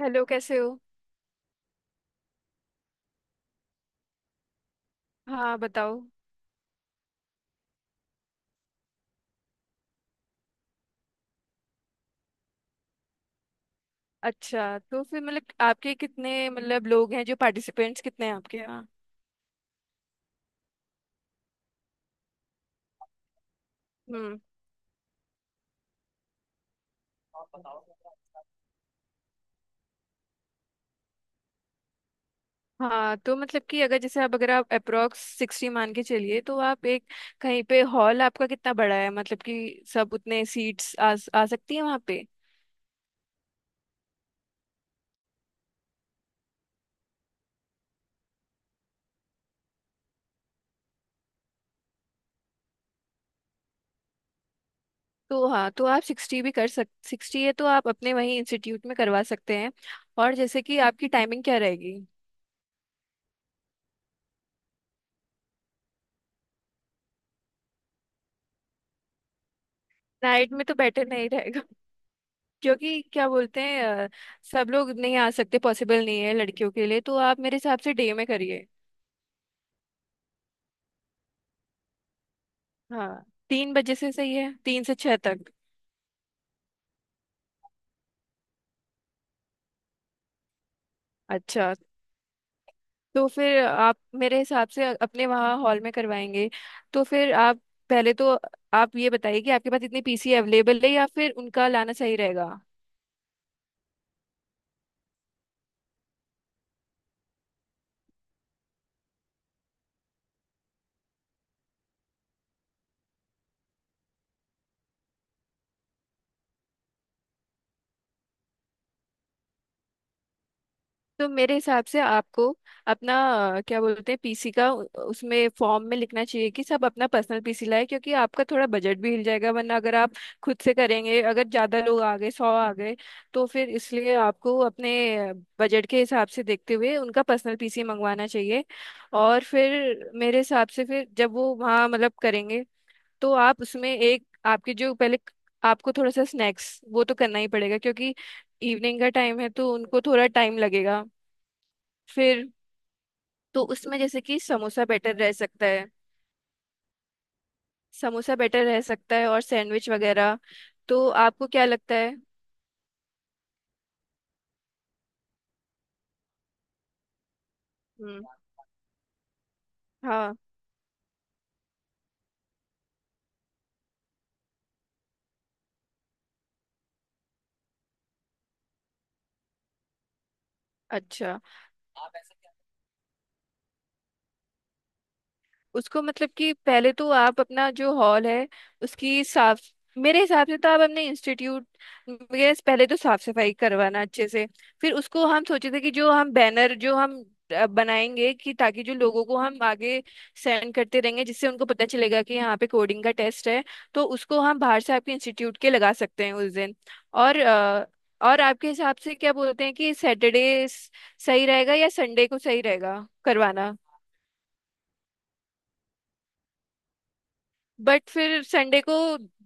Hello, कैसे हो। हाँ, बताओ। अच्छा, तो फिर मतलब आपके कितने मतलब लोग हैं, जो पार्टिसिपेंट्स कितने हैं आपके यहाँ। हम्म। हाँ, तो मतलब कि अगर जैसे आप अगर आप अप्रोक्स 60 मान के चलिए, तो आप एक कहीं पे हॉल आपका कितना बड़ा है, मतलब कि सब उतने सीट्स आ सकती है वहाँ पे। तो हाँ, तो आप 60 भी कर सक 60 है तो आप अपने वहीं इंस्टीट्यूट में करवा सकते हैं। और जैसे कि आपकी टाइमिंग क्या रहेगी। नाइट में तो बेटर नहीं, क्योंकि क्या बोलते हैं सब लोग नहीं आ सकते, पॉसिबल नहीं है लड़कियों के लिए, तो आप मेरे हिसाब से डे में करिए। हाँ, 3 बजे से सही है, 3 से 6 तक। अच्छा, तो फिर आप मेरे हिसाब से अपने वहाँ हॉल में करवाएंगे। तो फिर आप पहले तो आप ये बताइए कि आपके पास इतनी पीसी अवेलेबल है, या फिर उनका लाना सही रहेगा। तो मेरे हिसाब से आपको अपना क्या बोलते हैं पीसी का उसमें फॉर्म में लिखना चाहिए कि सब अपना पर्सनल पीसी लाए, क्योंकि आपका थोड़ा बजट भी हिल जाएगा, वरना अगर आप खुद से करेंगे, अगर ज्यादा लोग आ गए, 100 आ गए, तो फिर इसलिए आपको अपने बजट के हिसाब से देखते हुए उनका पर्सनल पीसी मंगवाना चाहिए। और फिर मेरे हिसाब से फिर जब वो वहाँ मतलब करेंगे, तो आप उसमें एक आपके जो पहले आपको थोड़ा सा स्नैक्स वो तो करना ही पड़ेगा, क्योंकि इवनिंग का टाइम है, तो उनको थोड़ा टाइम लगेगा। फिर तो उसमें जैसे कि समोसा बेटर रह सकता है, समोसा बेटर रह सकता है और सैंडविच वगैरह। तो आपको क्या लगता है। हम्म। हाँ। अच्छा, उसको मतलब कि पहले तो आप अपना जो हॉल है उसकी साफ, मेरे हिसाब से तो आप अपने इंस्टीट्यूट में पहले तो साफ सफाई करवाना अच्छे से। फिर उसको हम सोचे थे कि जो हम बैनर बनाएंगे कि ताकि जो लोगों को हम आगे सेंड करते रहेंगे, जिससे उनको पता चलेगा कि यहाँ पे कोडिंग का टेस्ट है, तो उसको हम बाहर से आपके इंस्टीट्यूट के लगा सकते हैं उस दिन। और अ, और आपके हिसाब से क्या बोलते हैं कि सैटरडे सही रहेगा, या संडे को सही रहेगा करवाना। बट फिर संडे को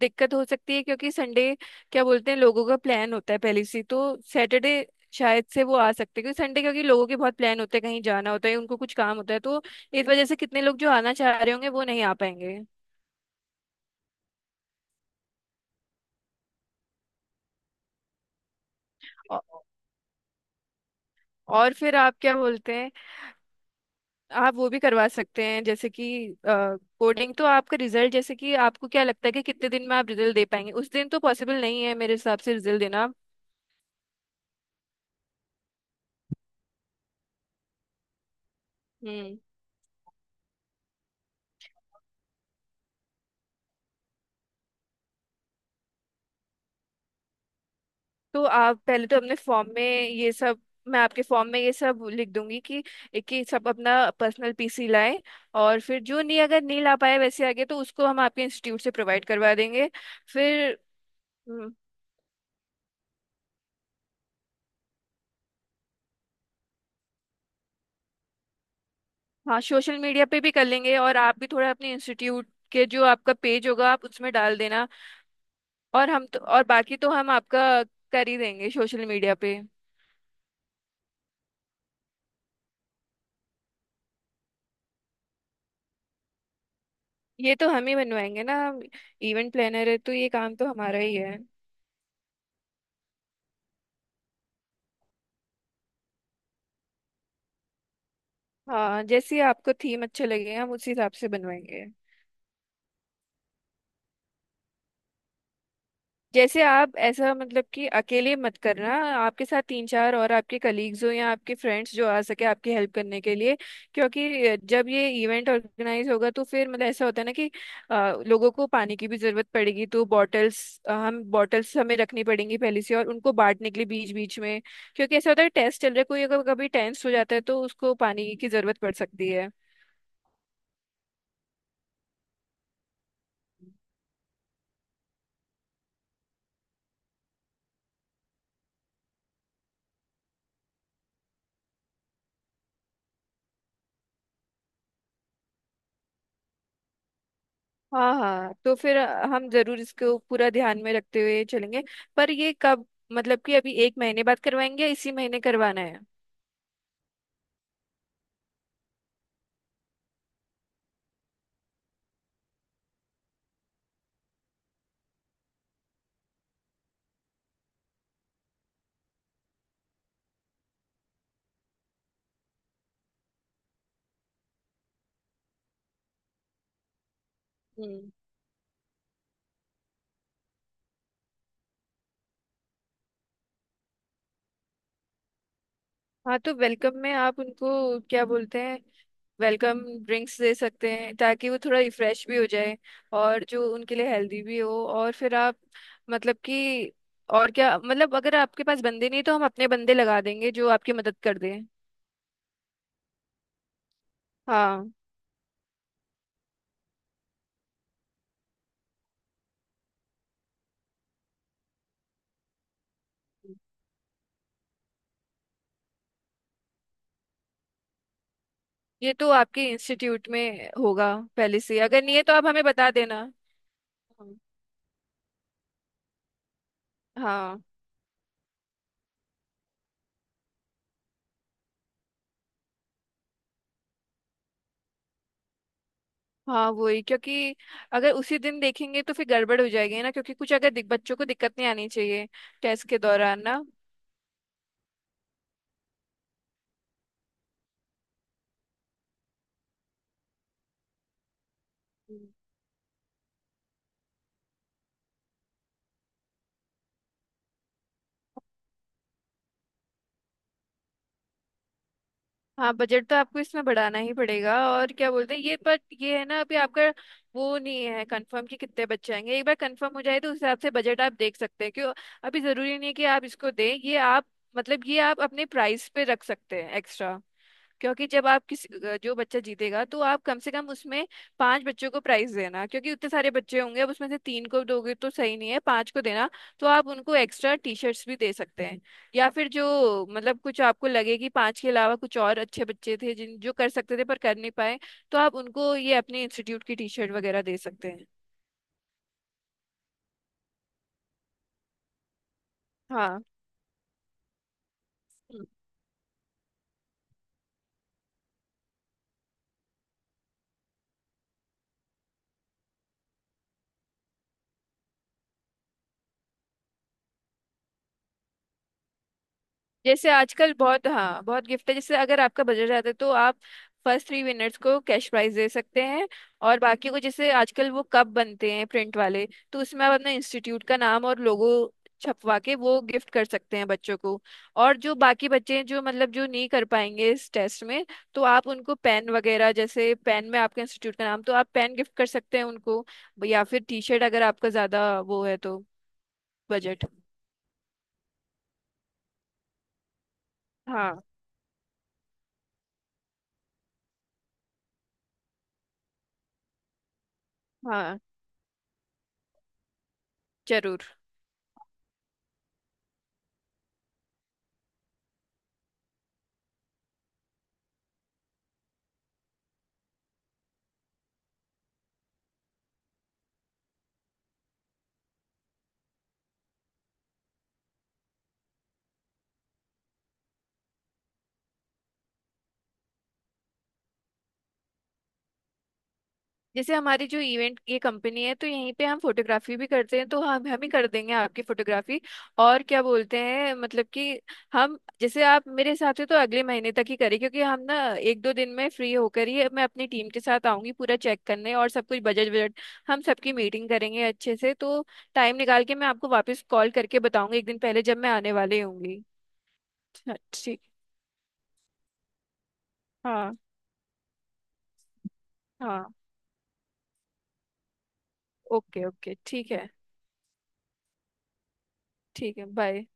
दिक्कत हो सकती है, क्योंकि संडे क्या बोलते हैं लोगों का प्लान होता है पहले से ही, तो सैटरडे शायद से वो आ सकते हैं, क्योंकि संडे, क्योंकि लोगों के बहुत प्लान होते हैं, कहीं जाना होता है, उनको कुछ काम होता है, तो इस वजह से कितने लोग जो आना चाह रहे होंगे वो नहीं आ पाएंगे। औ- और फिर आप क्या बोलते हैं, आप वो भी करवा सकते हैं जैसे कि कोडिंग तो आपका रिजल्ट, जैसे कि आपको क्या लगता है कि कितने दिन में आप रिजल्ट दे पाएंगे। उस दिन तो पॉसिबल नहीं है मेरे हिसाब से रिजल्ट देना। हम्म। तो आप पहले तो अपने फॉर्म में ये सब, मैं आपके फॉर्म में ये सब लिख दूंगी कि एक एक सब अपना पर्सनल पीसी लाएं। और फिर जो नहीं, अगर नहीं ला पाए वैसे आगे, तो उसको हम आपके इंस्टीट्यूट से प्रोवाइड करवा देंगे फिर। हम्म। हाँ, सोशल मीडिया पे भी कर लेंगे, और आप भी थोड़ा अपने इंस्टीट्यूट के जो आपका पेज होगा आप उसमें डाल देना, और हम तो और बाकी तो हम आपका कर ही देंगे सोशल मीडिया पे। ये तो हम ही बनवाएंगे ना, इवेंट प्लानर है तो ये काम तो हमारा ही है। हाँ, जैसे आपको थीम अच्छे लगे हम उसी हिसाब से बनवाएंगे। जैसे आप ऐसा मतलब कि अकेले मत करना, आपके साथ तीन चार और आपके कलीग्स हो या आपके फ्रेंड्स जो आ सके आपकी हेल्प करने के लिए। क्योंकि जब ये इवेंट ऑर्गेनाइज होगा, तो फिर मतलब ऐसा होता है ना कि लोगों को पानी की भी जरूरत पड़ेगी, तो बॉटल्स हमें रखनी पड़ेंगी पहले से, और उनको बांटने के लिए बीच बीच में। क्योंकि ऐसा होता है टेस्ट चल रहा है, कोई अगर कभी टेंस हो जाता है तो उसको पानी की जरूरत पड़ सकती है। हाँ हाँ, तो फिर हम जरूर इसको पूरा ध्यान में रखते हुए चलेंगे। पर ये कब, मतलब कि अभी एक महीने बाद करवाएंगे, या इसी महीने करवाना है। हम्म। हाँ, तो वेलकम में आप उनको क्या बोलते हैं वेलकम ड्रिंक्स दे सकते हैं, ताकि वो थोड़ा रिफ्रेश भी हो जाए और जो उनके लिए हेल्दी भी हो। और फिर आप, मतलब कि और क्या, मतलब अगर आपके पास बंदे नहीं तो हम अपने बंदे लगा देंगे जो आपकी मदद कर दें। हाँ, ये तो आपके इंस्टीट्यूट में होगा पहले से, अगर नहीं है तो आप हमें बता देना। हाँ हाँ, वही, क्योंकि अगर उसी दिन देखेंगे तो फिर गड़बड़ हो जाएगी ना, क्योंकि कुछ अगर बच्चों को दिक्कत नहीं आनी चाहिए टेस्ट के दौरान ना। हम्म। हाँ, बजट तो आपको इसमें बढ़ाना ही पड़ेगा, और क्या बोलते हैं ये, बट ये है ना अभी आपका वो नहीं है कंफर्म कि कितने बच्चे आएंगे। एक बार कंफर्म हो जाए तो उस हिसाब से बजट आप देख सकते हैं क्यों। अभी जरूरी नहीं है कि आप इसको दें ये आप, मतलब ये आप अपने प्राइस पे रख सकते हैं एक्स्ट्रा। क्योंकि जब आप किसी जो बच्चा जीतेगा तो आप कम से कम उसमें 5 बच्चों को प्राइज देना, क्योंकि उतने सारे बच्चे होंगे, अब उसमें से 3 को दोगे तो सही नहीं है, 5 को देना। तो आप उनको एक्स्ट्रा टी शर्ट्स भी दे सकते हैं, या फिर जो मतलब कुछ आपको लगे कि 5 के अलावा कुछ और अच्छे बच्चे थे जिन जो कर सकते थे पर कर नहीं पाए, तो आप उनको ये अपने इंस्टीट्यूट की टी शर्ट वगैरह दे सकते हैं। हाँ, जैसे आजकल बहुत, हाँ बहुत गिफ्ट है, जैसे अगर आपका बजट जाता है तो आप फर्स्ट 3 विनर्स को कैश प्राइज दे सकते हैं, और बाकी को जैसे आजकल वो कप बनते हैं प्रिंट वाले, तो उसमें आप अपना इंस्टीट्यूट का नाम और लोगो छपवा के वो गिफ्ट कर सकते हैं बच्चों को। और जो बाकी बच्चे हैं जो मतलब जो नहीं कर पाएंगे इस टेस्ट में, तो आप उनको पेन वगैरह, जैसे पेन में आपके इंस्टीट्यूट का नाम, तो आप पेन गिफ्ट कर सकते हैं उनको, या फिर टी शर्ट अगर आपका ज़्यादा वो है तो बजट। हाँ हाँ, जरूर। जैसे हमारी जो इवेंट ये कंपनी है, तो यहीं पे हम फोटोग्राफी भी करते हैं, तो हम ही कर देंगे आपकी फोटोग्राफी। और क्या बोलते हैं मतलब कि हम जैसे आप मेरे साथ हो तो अगले महीने तक ही करें, क्योंकि हम ना 1 दो दिन में फ्री होकर ही मैं अपनी टीम के साथ आऊंगी पूरा चेक करने और सब कुछ, बजट बजट हम सबकी मीटिंग करेंगे अच्छे से, तो टाइम निकाल के मैं आपको वापस कॉल करके बताऊंगी एक दिन पहले जब मैं आने वाली होंगी। अच्छा, ठीक। हाँ हाँ। ओके ओके, ठीक है। ठीक है, बाय।